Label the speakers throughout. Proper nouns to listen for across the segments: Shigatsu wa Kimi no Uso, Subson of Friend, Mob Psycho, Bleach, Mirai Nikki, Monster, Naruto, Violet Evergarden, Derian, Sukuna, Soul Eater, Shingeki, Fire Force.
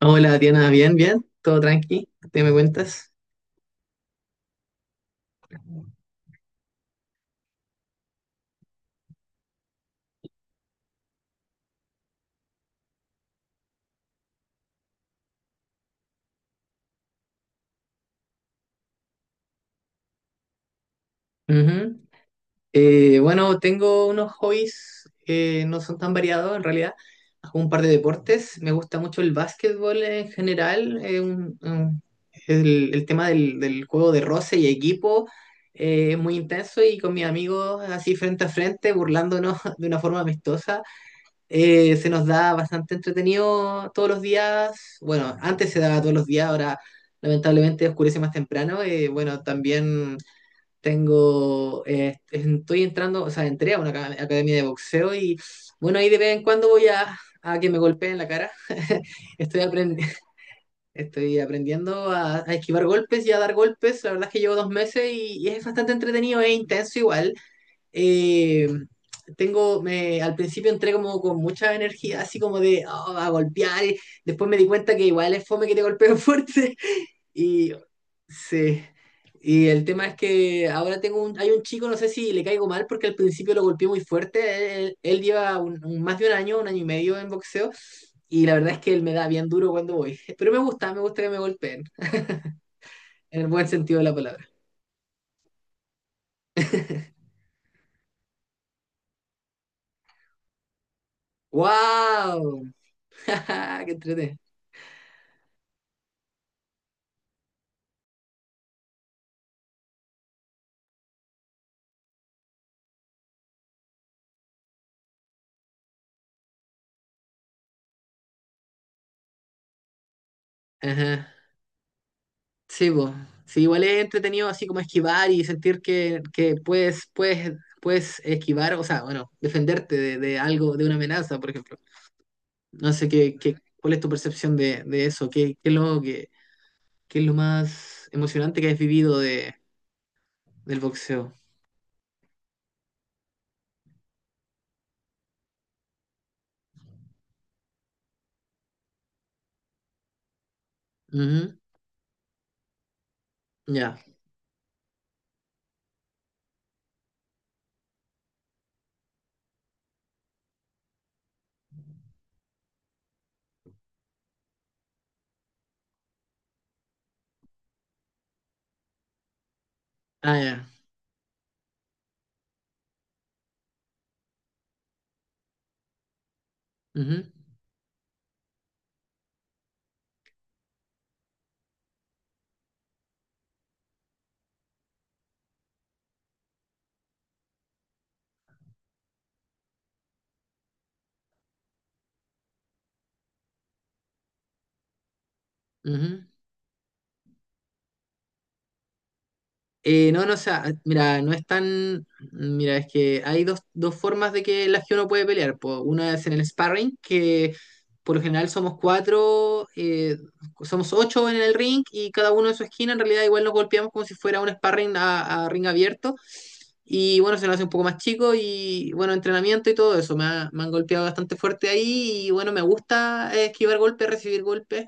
Speaker 1: Hola Diana, bien, bien, todo tranqui, ¿te me cuentas? Ujú. Bueno, tengo unos hobbies que no son tan variados en realidad. Hago un par de deportes, me gusta mucho el básquetbol en general, el tema del juego de roce y equipo es muy intenso y con mis amigos así frente a frente, burlándonos de una forma amistosa. Se nos da bastante entretenido todos los días. Bueno, antes se daba todos los días, ahora lamentablemente oscurece más temprano. Bueno, también estoy entrando, o sea, entré a una academia de boxeo y bueno, ahí de vez en cuando voy a que me golpeen la cara. Estoy aprendiendo. Estoy aprendiendo a esquivar golpes y a dar golpes. La verdad es que llevo dos meses y es bastante entretenido e intenso igual. eh, Al principio entré como con mucha energía, así como de "Oh, a golpear", y después me di cuenta que igual es fome que te golpeo fuerte. Y sí. Y el tema es que hay un chico, no sé si le caigo mal, porque al principio lo golpeé muy fuerte. Él lleva más de un año y medio en boxeo, y la verdad es que él me da bien duro cuando voy. Pero me gusta que me golpeen, en el buen sentido de la palabra. ¡Wow! ¡Qué entrete! Ajá. Sí, po. Sí, igual es entretenido así como esquivar y sentir que, puedes esquivar, o sea, bueno, defenderte de algo, de una amenaza, por ejemplo. No sé qué, qué, ¿Cuál es tu percepción de eso? ¿Qué es lo más emocionante que has vivido del boxeo? Ujú. Ya. Ah, ya. Ujú, ujú. No, o sea, mira, no es tan. Mira, es que hay dos formas de que la que uno puede pelear, po. Una es en el sparring, que por lo general somos cuatro, somos ocho en el ring y cada uno en su esquina. En realidad, igual nos golpeamos como si fuera un sparring a ring abierto. Y bueno, se nos hace un poco más chico y bueno, entrenamiento y todo eso. Me han golpeado bastante fuerte ahí y bueno, me gusta esquivar golpes, recibir golpes.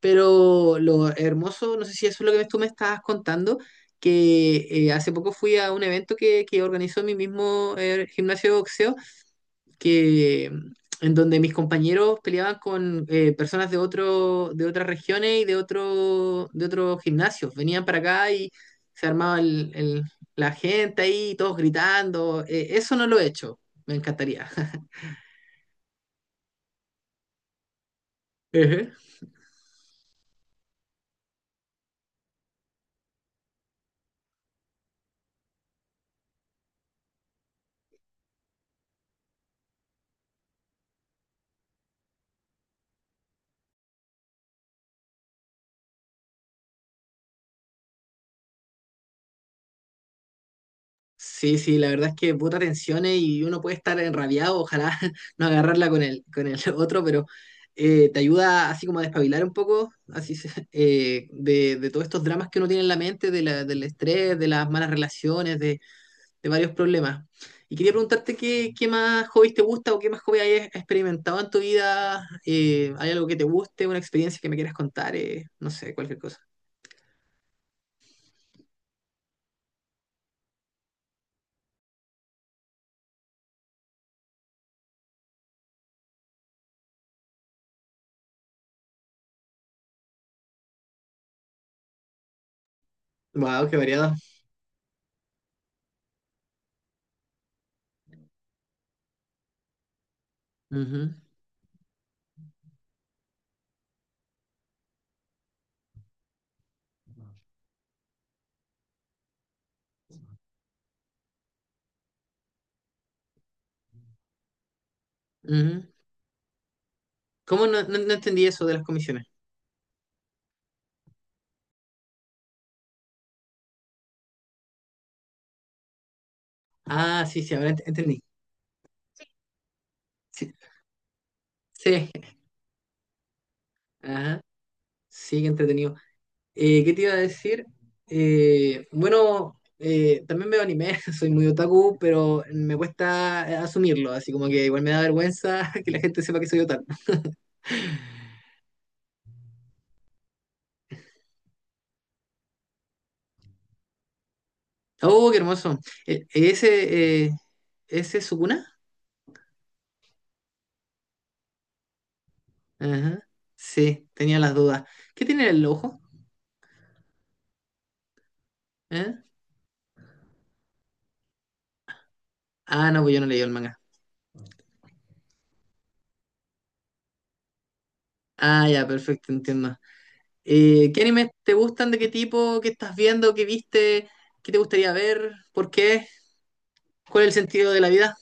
Speaker 1: Pero lo hermoso, no sé si eso es lo que tú me estabas contando, que hace poco fui a un evento que organizó mi mismo gimnasio de boxeo, que, en donde mis compañeros peleaban con personas de, de otras regiones y de, de otros gimnasios. Venían para acá y se armaba la gente ahí, todos gritando. Eso no lo he hecho, me encantaría. Ujú. Sí, sí, la verdad es que puta tensiones y uno puede estar enrabiado, ojalá no agarrarla con con el otro, pero te ayuda así como a despabilar un poco, así de todos estos dramas que uno tiene en la mente, de del estrés, de las malas relaciones, de varios problemas. Y quería preguntarte qué más hobbies te gusta o qué más hobbies hayas experimentado en tu vida, ¿hay algo que te guste, una experiencia que me quieras contar? No sé, cualquier cosa. Wow, qué variado. Ujú, ujú. ¿Cómo no entendí eso de las comisiones? Ah, sí, sí, ahora entendí. Sí, sí, ajá, sí, qué entretenido. ¿Qué te iba a decir? Bueno, también veo anime, soy muy otaku, pero me cuesta asumirlo, así como que igual me da vergüenza que la gente sepa que soy otaku. Oh, qué hermoso. Eh, ese, eh, ¿Ese es Sukuna? Ajá, sí, tenía las dudas. ¿Qué tiene en el ojo? ¿Eh? Ah, no, pues yo no leí el manga. Ah, ya, perfecto, entiendo. ¿Qué animes te gustan? ¿De qué tipo? ¿Qué estás viendo? ¿Qué viste? ¿Qué te gustaría ver? ¿Por qué? ¿Cuál es el sentido de la vida?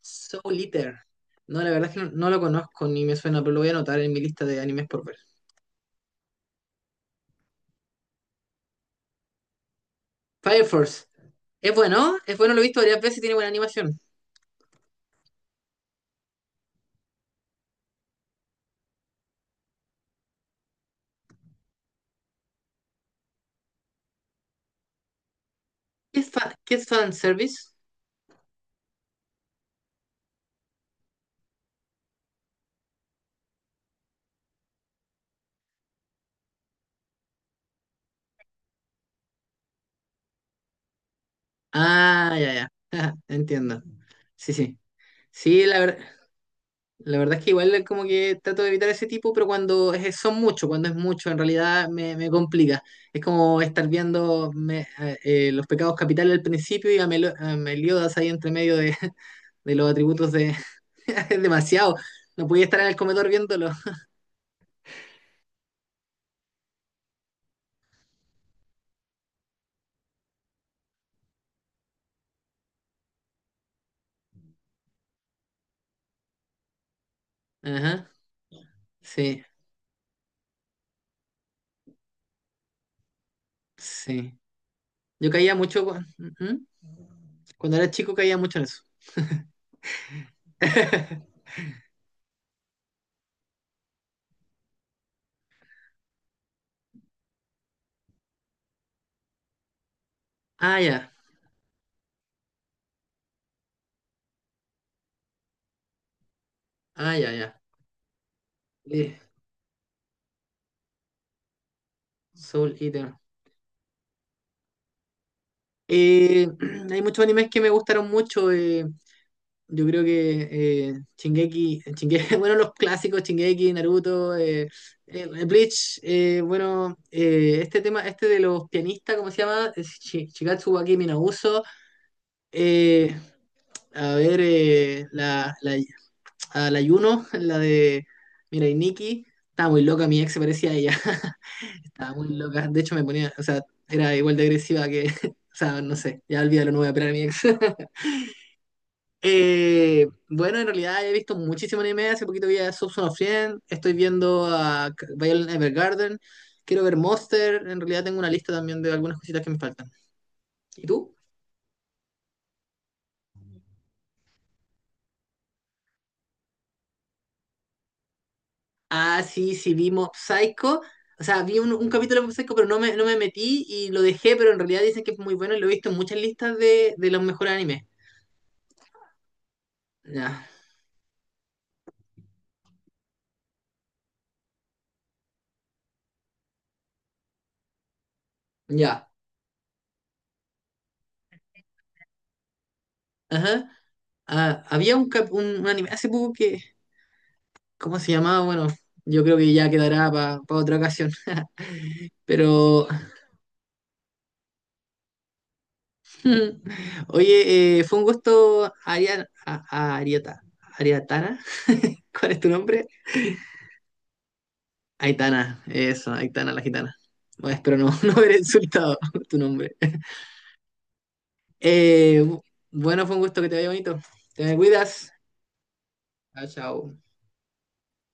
Speaker 1: Soul Eater. No, la verdad es que no, no lo conozco ni me suena, pero lo voy a anotar en mi lista de animes por ver. Fire Force. Es bueno, lo he visto varias veces y tiene buena animación. ¿Qué es fanservice? Ah, ya, ya. Entiendo. Sí, sí. Sí, la verdad. La verdad es que igual como que trato de evitar ese tipo, pero son muchos, cuando es mucho, en realidad me complica. Es como estar viendo los pecados capitales al principio y a Meliodas ahí entre medio de, de los atributos de... Es demasiado. No podía estar en el comedor viéndolo. Ajá, sí, sí. Yo caía mucho cu- ujú. Cuando era chico caía mucho en eso. Ah, ya, ah, ya, ya. Eh, Soul Eater. Eh, hay muchos animes que me gustaron mucho. Yo creo que Shingeki, Shinge- bueno, los clásicos, Shingeki, Naruto, Bleach, este tema, este de los pianistas, ¿cómo se llama? Es Shigatsu wa Kimi no Uso, eh, a ver, eh, la, la, a la Yuno, la de Mirai Nikki, estaba muy loca, mi ex se parecía a ella, estaba muy loca, de hecho me ponía, o sea, era igual de agresiva que, o sea, no sé, ya olvídalo, no voy a operar a mi ex. Bueno, en realidad he visto muchísimo anime. Hace poquito vi a Subson of Friend. Estoy viendo a Violet Evergarden. Quiero ver Monster. En realidad tengo una lista también de algunas cositas que me faltan. ¿Y tú? Ah, sí, sí, vi Mob Psycho. O sea, vi un capítulo de Mob Psycho, pero no me metí y lo dejé. Pero en realidad dicen que es muy bueno y lo he visto en muchas listas de los mejores animes. Ya, ya. Ajá. Ah, había un, cap- un anime hace poco que. ¿Cómo se llamaba? Bueno, yo creo que ya quedará para otra ocasión. Pero, oye, fue un gusto, Ariatana. ¿Cuál es tu nombre? Aitana, eso, Aitana la gitana. Bueno, espero no, no haber insultado tu nombre. Eh, bu- bueno, fue un gusto que te vaya bonito. Te me cuidas. Chao, chao.